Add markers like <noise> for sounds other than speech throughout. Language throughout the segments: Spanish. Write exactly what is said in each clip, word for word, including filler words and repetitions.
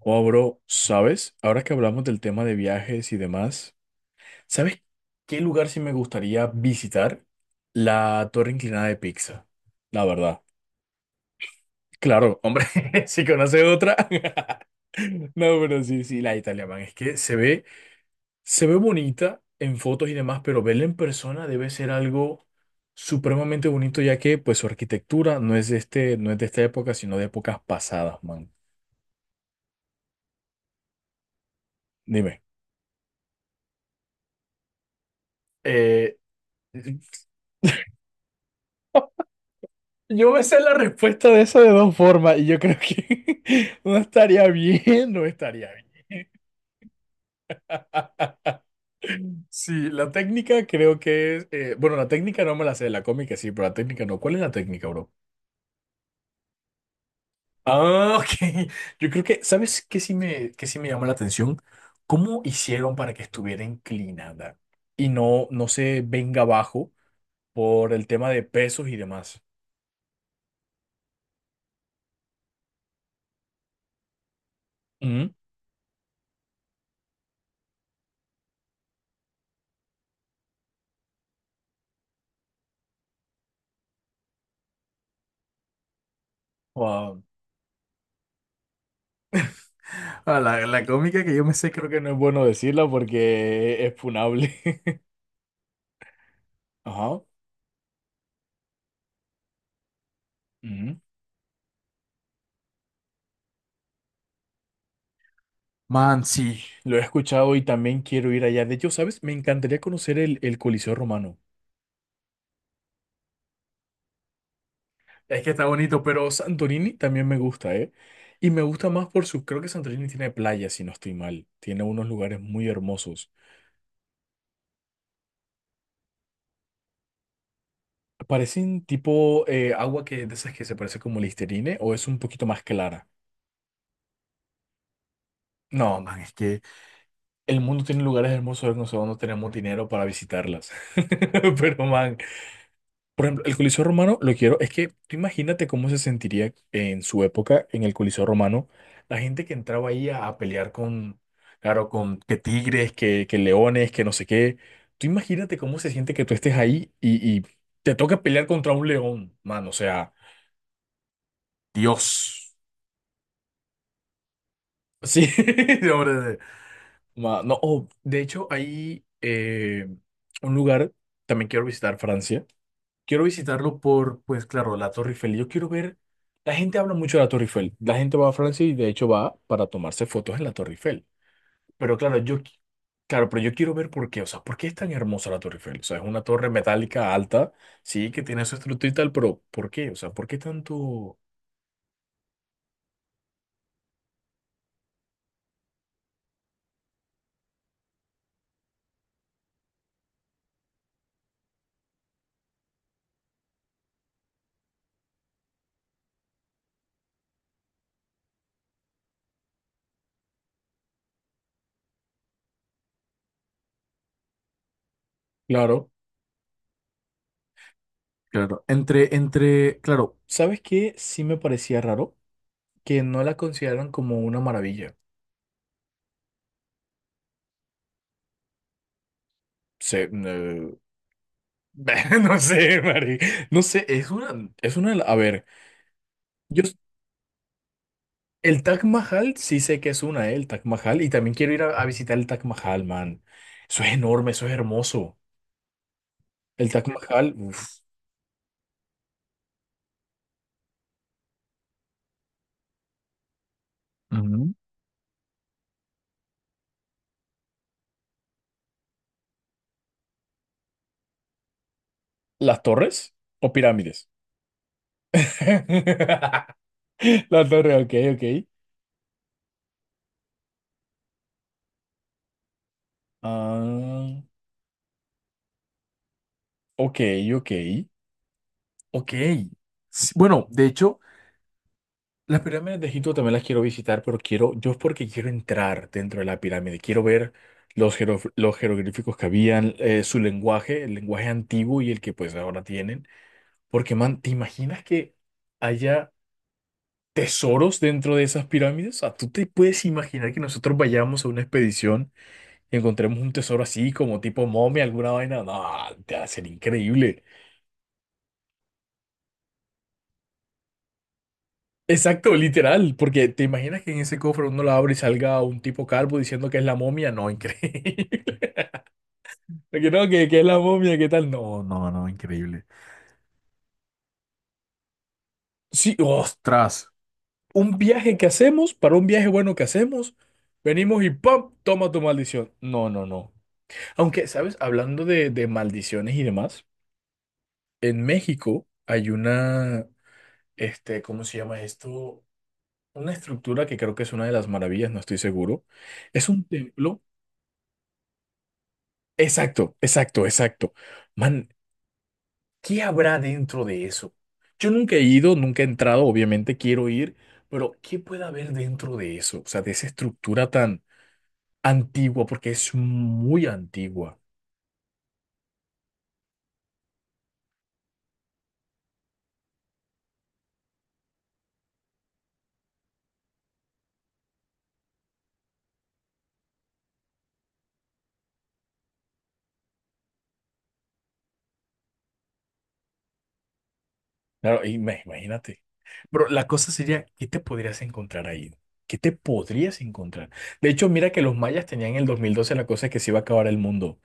Oh, bro, ¿sabes? Ahora que hablamos del tema de viajes y demás, ¿sabes qué lugar sí me gustaría visitar? La Torre Inclinada de Pisa, la verdad. Claro, hombre, <laughs> si conoce otra. <laughs> No, pero sí, sí, la Italia, man. Es que se ve, se ve bonita en fotos y demás, pero verla en persona debe ser algo supremamente bonito, ya que pues su arquitectura no es de este, no es de esta época, sino de épocas pasadas, man. Dime. Eh, Yo me sé la respuesta de eso de dos formas y yo creo que <laughs> no estaría bien, no estaría bien. Ah, sí, la técnica creo que es, eh, bueno, la técnica no me la sé, la cómica sí, pero la técnica no. ¿Cuál es la técnica, bro? Ah, <laughs> ok. Yo creo que, ¿sabes qué sí me, qué sí me llama la atención? ¿Cómo hicieron para que estuviera inclinada y no, no se venga abajo por el tema de pesos y demás? Ujú. Wow. Ah, la, la cómica que yo me sé creo que no es bueno decirla porque es funable. <laughs> Ajá. Ujú. Man, sí, lo he escuchado y también quiero ir allá. De hecho, ¿sabes? Me encantaría conocer el, el Coliseo Romano. Es que está bonito, pero Santorini también me gusta, ¿eh? Y me gusta más por su... Creo que Santorini tiene playas, si no estoy mal. Tiene unos lugares muy hermosos. Parecen tipo eh, agua que de esas que se parece como Listerine o es un poquito más clara. No, man, es que el mundo tiene lugares hermosos, no sé, no tenemos dinero para visitarlas. <laughs> Pero, man, por ejemplo, el Coliseo Romano lo quiero, es que tú imagínate cómo se sentiría en su época en el Coliseo Romano, la gente que entraba ahí a, a pelear con, claro, con que tigres, que, que leones, que no sé qué. Tú imagínate cómo se siente que tú estés ahí y, y te toca pelear contra un león, mano, o sea, Dios. Sí, <laughs> de hombre. de- ma- no, oh, de hecho, hay eh, un lugar, también quiero visitar Francia. Quiero visitarlo por, pues claro, la Torre Eiffel. Yo quiero ver, la gente habla mucho de la Torre Eiffel. La gente va a Francia y de hecho va para tomarse fotos en la Torre Eiffel. Pero claro, yo, qui- claro, pero yo quiero ver por qué, o sea, ¿por qué es tan hermosa la Torre Eiffel? O sea, es una torre metálica alta, sí, que tiene su estructura y tal, pero ¿por qué? O sea, ¿por qué tanto? Claro, claro. Entre, entre, claro, ¿sabes qué? Sí me parecía raro que no la consideran como una maravilla. Se <laughs> No sé, Mari. No sé, es una, es una, a ver, yo, el Taj Mahal, sí sé que es una, eh, el Taj Mahal, y también quiero ir a, a visitar el Taj Mahal, man. Eso es enorme, eso es hermoso. El Taj Mahal, uf. Ujú. ¿Las torres o pirámides? <laughs> La torre, ok, ok. Ah, ok, ok, ok. Sí, bueno, de hecho. Las pirámides de Egipto también las quiero visitar, pero quiero, yo porque quiero entrar dentro de la pirámide, quiero ver los, jero- los jeroglíficos que habían, eh, su lenguaje, el lenguaje antiguo y el que pues ahora tienen. Porque, man, ¿te imaginas que haya tesoros dentro de esas pirámides? O sea, ¿tú te puedes imaginar que nosotros vayamos a una expedición y encontremos un tesoro así como tipo momia, alguna vaina? No, te va a ser increíble. Exacto, literal, porque te imaginas que en ese cofre uno lo abre y salga un tipo calvo diciendo que es la momia, no, increíble. <laughs> Que no, que, que es la momia, ¿qué tal? No, no, no, increíble. Sí, ostras, un viaje que hacemos, para un viaje bueno que hacemos, venimos y ¡pam! Toma tu maldición. No, no, no. Aunque, ¿sabes? Hablando de, de maldiciones y demás, en México hay una, este, ¿cómo se llama esto? Una estructura que creo que es una de las maravillas, no estoy seguro. Es un templo. Exacto, exacto, exacto. Man, ¿qué habrá dentro de eso? Yo nunca he ido, nunca he entrado, obviamente quiero ir, pero ¿qué puede haber dentro de eso? O sea, de esa estructura tan antigua, porque es muy antigua. Claro, ima- imagínate. Pero la cosa sería, ¿qué te podrías encontrar ahí? ¿Qué te podrías encontrar? De hecho, mira que los mayas tenían en el dos mil doce la cosa de que se iba a acabar el mundo.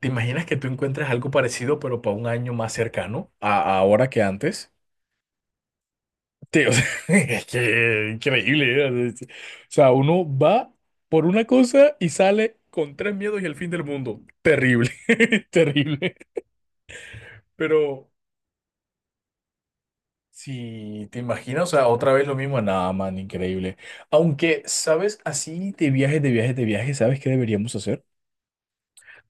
¿Te imaginas que tú encuentres algo parecido, pero para un año más cercano a a ahora que antes? Sí, o sea, <laughs> es que increíble, ¿eh? O sea, uno va por una cosa y sale con tres miedos y el fin del mundo. Terrible, <laughs> terrible. Pero si te imaginas, o sea, otra vez lo mismo, nada, man, increíble. Aunque, ¿sabes? Así de viajes, de viajes, de viajes, ¿sabes qué deberíamos hacer?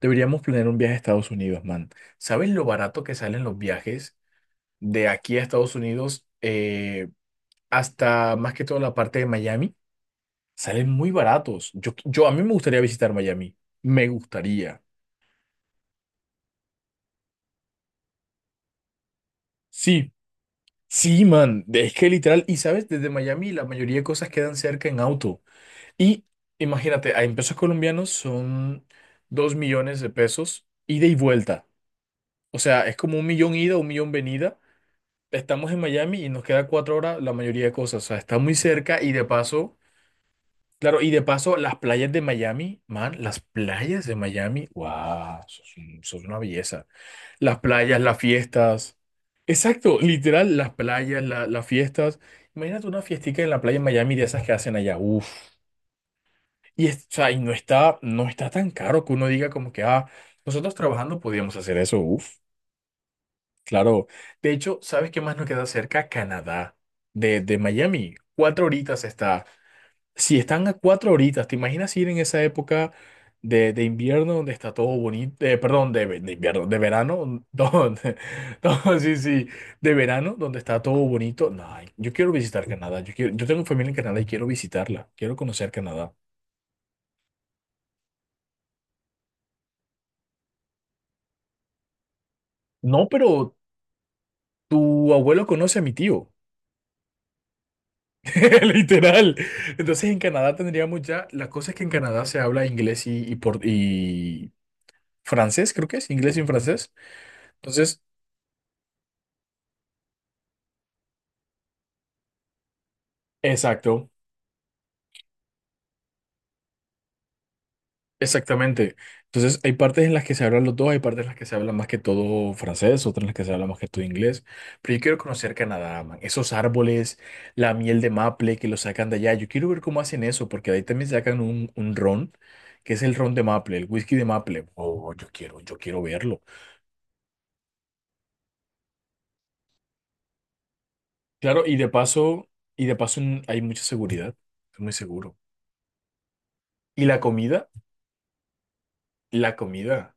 Deberíamos planear un viaje a Estados Unidos, man. ¿Sabes lo barato que salen los viajes de aquí a Estados Unidos eh, hasta más que todo la parte de Miami? Salen muy baratos. Yo, yo, a mí me gustaría visitar Miami. Me gustaría. Sí, sí, man. Es que literal, y sabes, desde Miami la mayoría de cosas quedan cerca en auto. Y imagínate, en pesos colombianos son dos millones de pesos ida y vuelta. O sea, es como un millón ida, un millón venida. Estamos en Miami y nos queda cuatro horas la mayoría de cosas. O sea, está muy cerca y de paso, claro, y de paso las playas de Miami, man, las playas de Miami, wow, eso es un- eso es una belleza. Las playas, las fiestas. Exacto, literal, las playas, la- las fiestas. Imagínate una fiestica en la playa en Miami de esas que hacen allá. Uf. Y, es- o sea, y no está, no está tan caro que uno diga como que, ah, nosotros trabajando podíamos hacer eso. Uf, claro. De hecho, ¿sabes qué más nos queda cerca? Canadá, de, de Miami. Cuatro horitas está. Si están a cuatro horitas, ¿te imaginas ir en esa época de, de invierno donde está todo bonito? Eh, perdón, de, ve- de invierno, de verano. <laughs> Donde, no, sí, sí, de verano donde está todo bonito. No, ay, yo quiero visitar Canadá. Yo quiero, yo tengo familia en Canadá y quiero visitarla. Quiero conocer Canadá. No, pero tu abuelo conoce a mi tío, <laughs> literal. Entonces en Canadá tendríamos ya, la cosa es que en Canadá se habla inglés y, y, por, y francés, creo que es, inglés y francés. Entonces... Exacto. Exactamente. Entonces, hay partes en las que se hablan los dos, hay partes en las que se habla más que todo francés, otras en las que se habla más que todo inglés. Pero yo quiero conocer Canadá, man. Esos árboles, la miel de maple que lo sacan de allá. Yo quiero ver cómo hacen eso, porque de ahí también sacan un, un ron, que es el ron de maple, el whisky de maple. Oh, yo quiero, yo quiero verlo. Claro, y de paso, y de paso mm, hay mucha seguridad. Es muy seguro. ¿Y la comida? La comida.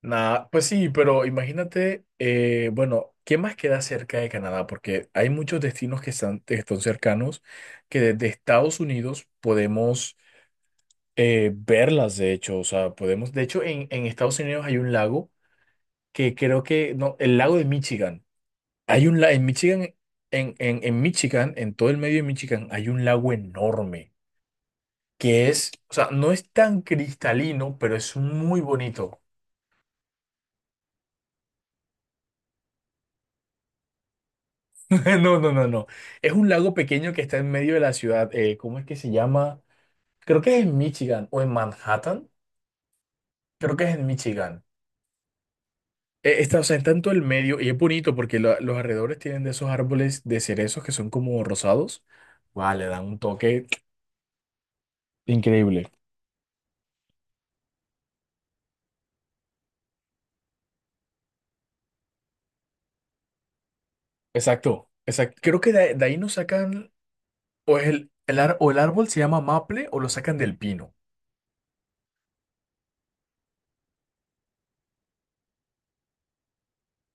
Nah, pues sí, pero imagínate, eh, bueno, ¿qué más queda cerca de Canadá? Porque hay muchos destinos que están, que están cercanos, que desde Estados Unidos podemos eh, verlas, de hecho, o sea, podemos, de hecho, en, en Estados Unidos hay un lago que creo que, no, el lago de Michigan. Hay un lago en Michigan, en, en, en Michigan, en todo el medio de Michigan, hay un lago enorme, que es, o sea, no es tan cristalino, pero es muy bonito. <laughs> No, no, no, no. Es un lago pequeño que está en medio de la ciudad. Eh, ¿cómo es que se llama? Creo que es en Michigan o en Manhattan. Creo que es en Michigan. Eh, está, o sea, está en todo el medio y es bonito porque la- los alrededores tienen de esos árboles de cerezos que son como rosados. Vale, dan un toque increíble. Exacto, exacto. Creo que de, de ahí nos sacan, o es el, el, ar- o el árbol se llama maple o lo sacan del pino.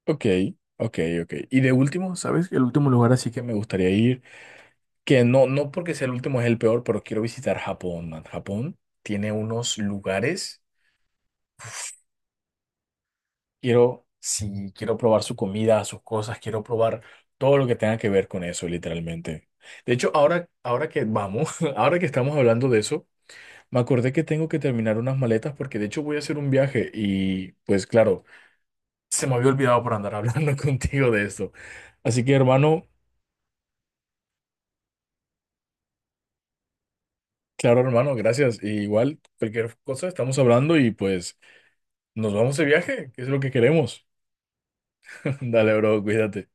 Ok, ok, ok. Y de último, ¿sabes? El último lugar así que me gustaría ir, que no, no porque sea el último es el peor, pero quiero visitar Japón, man. Japón tiene unos lugares, quiero, sí, quiero probar su comida, sus cosas, quiero probar todo lo que tenga que ver con eso, literalmente. De hecho, ahora, ahora que vamos, <laughs> ahora que estamos hablando de eso, me acordé que tengo que terminar unas maletas porque de hecho voy a hacer un viaje y pues claro, se me había olvidado por andar hablando <laughs> contigo de esto. Así que hermano, claro hermano, gracias. Y igual, cualquier cosa estamos hablando y pues... Nos vamos de viaje, que es lo que queremos. <laughs> Dale, bro, cuídate.